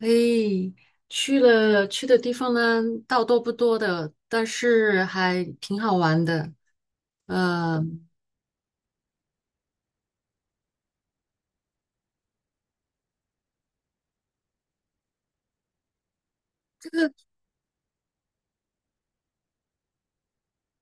哎，去了去的地方呢，倒多不多的，但是还挺好玩的。呃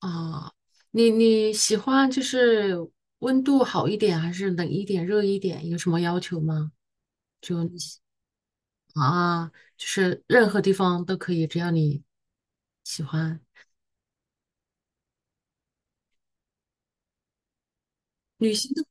啊，你喜欢温度好一点，还是冷一点、热一点？有什么要求吗？就你喜啊，就是任何地方都可以，只要你喜欢。旅行的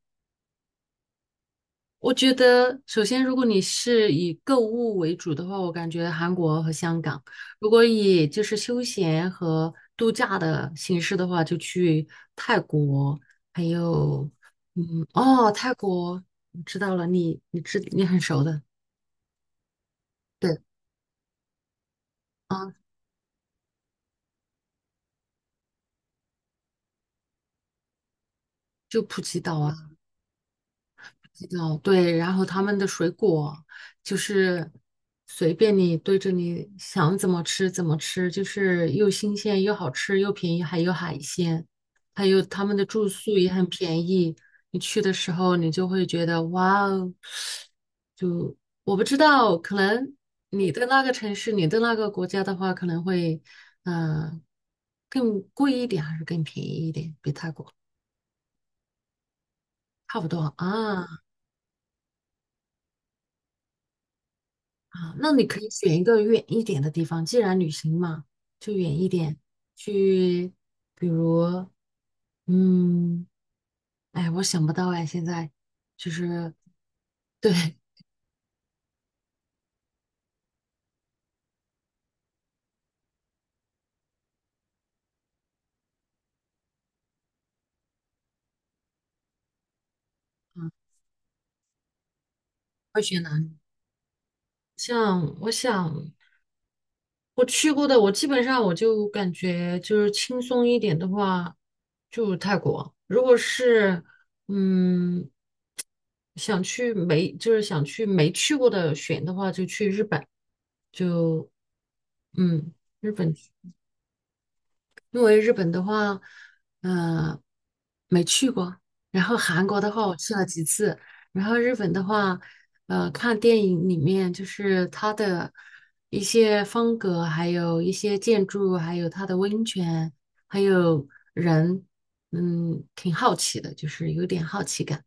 我觉得，首先，如果你是以购物为主的话，我感觉韩国和香港；如果以就是休闲和度假的形式的话，就去泰国，还有，嗯，哦，泰国，我知道了，你很熟的，对，啊，就普吉岛啊。哦，对，然后他们的水果就是随便你对着你想怎么吃怎么吃，就是又新鲜又好吃又便宜，还有海鲜，还有他们的住宿也很便宜。你去的时候，你就会觉得哇哦，我不知道，可能你的那个城市、你的那个国家的话，可能会嗯、呃更贵一点，还是更便宜一点，比泰国差不多啊。啊，那你可以选一个远一点的地方，既然旅行嘛，就远一点，去，比如，嗯，哎，我想不到哎，现在就是对，嗯，会选哪里？像我想我去过的，我基本上我就感觉就是轻松一点的话，就泰国。如果是嗯想去没就是想去没去过的选的话，就去日本，就嗯。日本因为日本的话，嗯、没去过。然后韩国的话，我去了几次。然后日本的话，呃，看电影里面就是它的一些风格，还有一些建筑，还有它的温泉，还有人，嗯，挺好奇的，就是有点好奇感。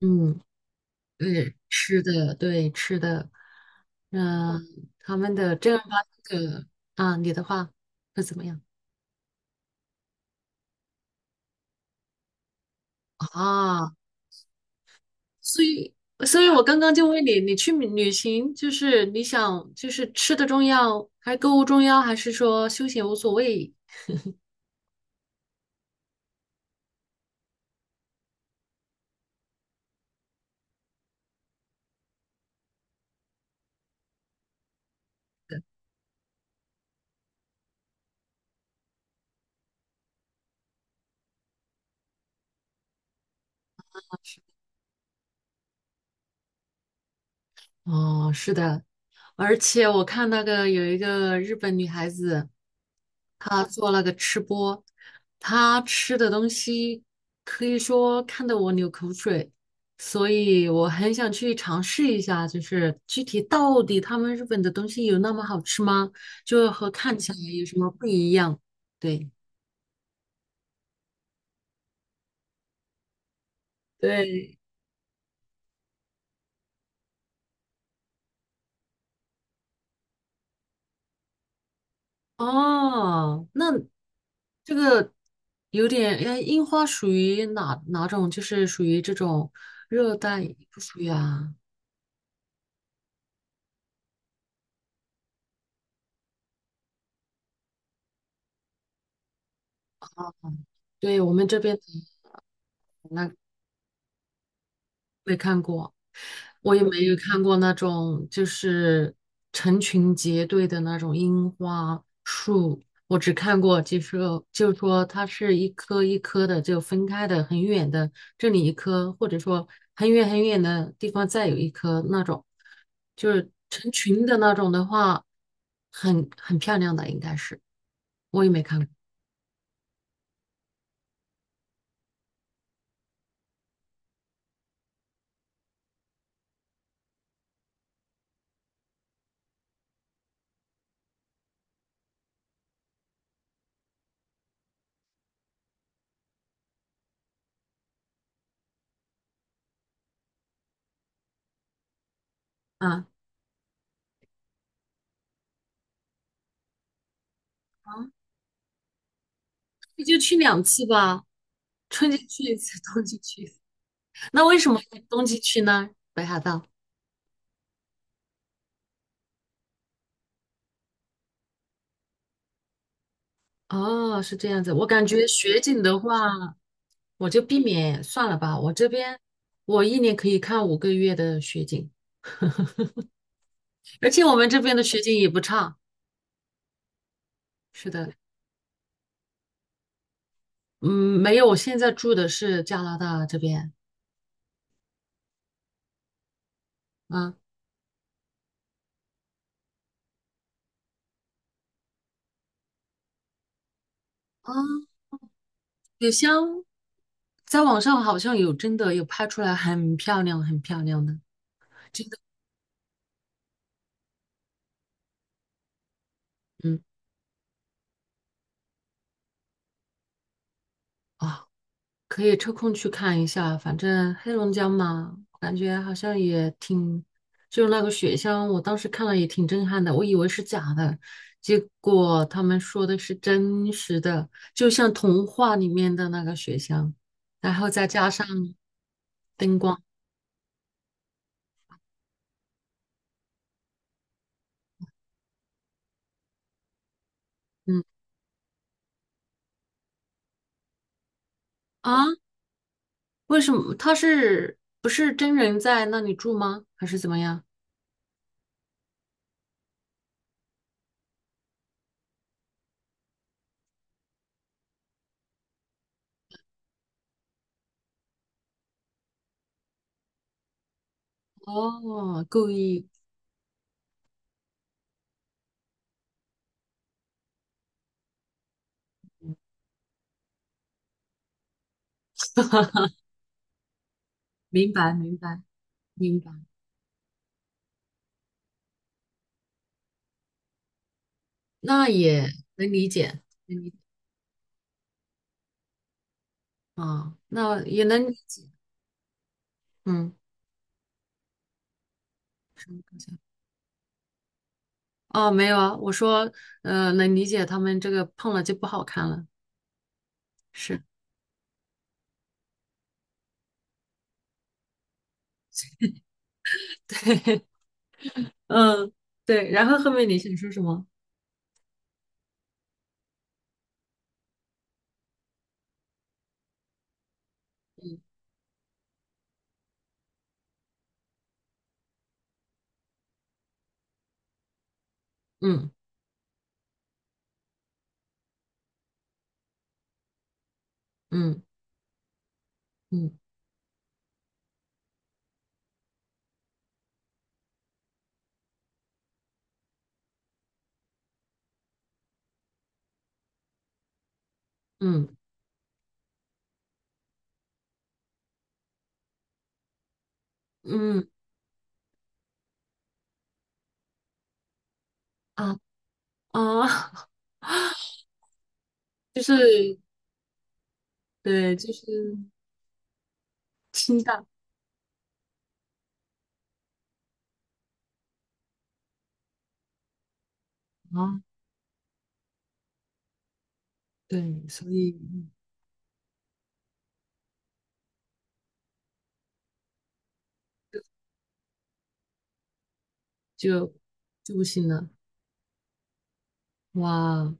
嗯，对，吃的，对，吃的，嗯、他们的正儿八经的啊，你的话会怎么样？啊，所以，所以我刚刚就问你，你去旅行，就是你想，就是吃的重要，还购物重要，还是说休闲无所谓？哦，是的，而且我看那个有一个日本女孩子，她做那个吃播，她吃的东西可以说看得我流口水，所以我很想去尝试一下，就是具体到底他们日本的东西有那么好吃吗？就和看起来有什么不一样？对。对，哦，那这个有点，哎，樱花属于哪种？就是属于这种热带，不属于啊？对，我们这边的那没看过。我也没有看过那种就是成群结队的那种樱花树，我只看过就是就是说它是一棵一棵的就分开的很远的，这里一棵，或者说很远很远的地方再有一棵那种，就是成群的那种的话，很很漂亮的应该是，我也没看过啊啊，你就去2次吧，春季去一次，冬季去一次。那为什么冬季去呢？北海道。哦，是这样子。我感觉雪景的话，我就避免算了吧。我这边我一年可以看5个月的雪景，而且我们这边的雪景也不差。是的，嗯，没有，我现在住的是加拿大这边。啊啊，有香，在网上好像有真的有拍出来，很漂亮，很漂亮的，真的。嗯，啊、可以抽空去看一下，反正黑龙江嘛，感觉好像也挺，就是那个雪乡，我当时看了也挺震撼的，我以为是假的，结果他们说的是真实的，就像童话里面的那个雪乡，然后再加上灯光，嗯啊，为什么他是不是真人在那里住吗？还是怎么样？哦，故意，明白明白明白，那也能理解。能理啊，那也能理解，嗯，哦，没有啊，我说，能理解他们这个胖了就不好看了，是，对，嗯，对，然后后面你想说什么？嗯嗯嗯嗯嗯啊啊，就是对，就是清淡啊，对，所以就不行了。哇，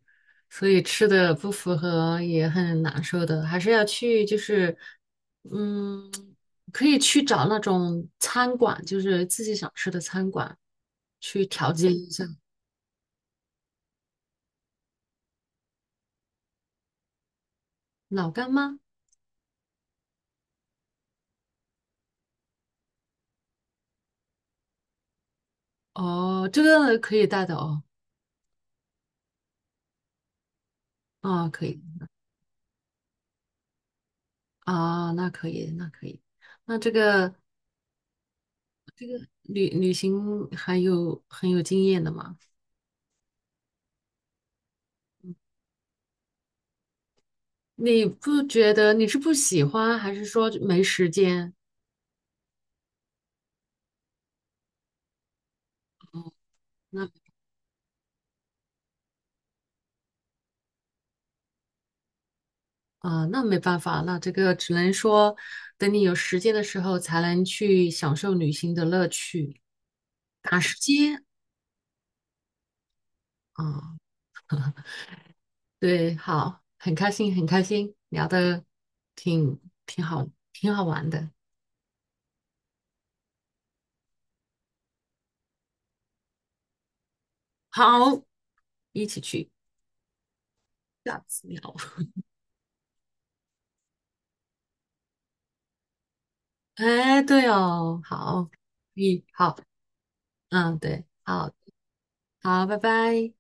所以吃的不符合也很难受的，还是要去就是，嗯，可以去找那种餐馆，就是自己想吃的餐馆去调节一下。老干妈，哦，这个可以带的哦，啊，可以啊，那可以，那可以，那这个旅行还有很有经验的嘛？你不觉得你是不喜欢，还是说没时间？那？啊，那没办法，那这个只能说等你有时间的时候才能去享受旅行的乐趣，打时间啊，对，好，很开心，很开心，聊的挺挺好，挺好玩的，好，一起去，下次聊。哎，对哦，好，嗯，好，嗯，对，好，好，拜拜。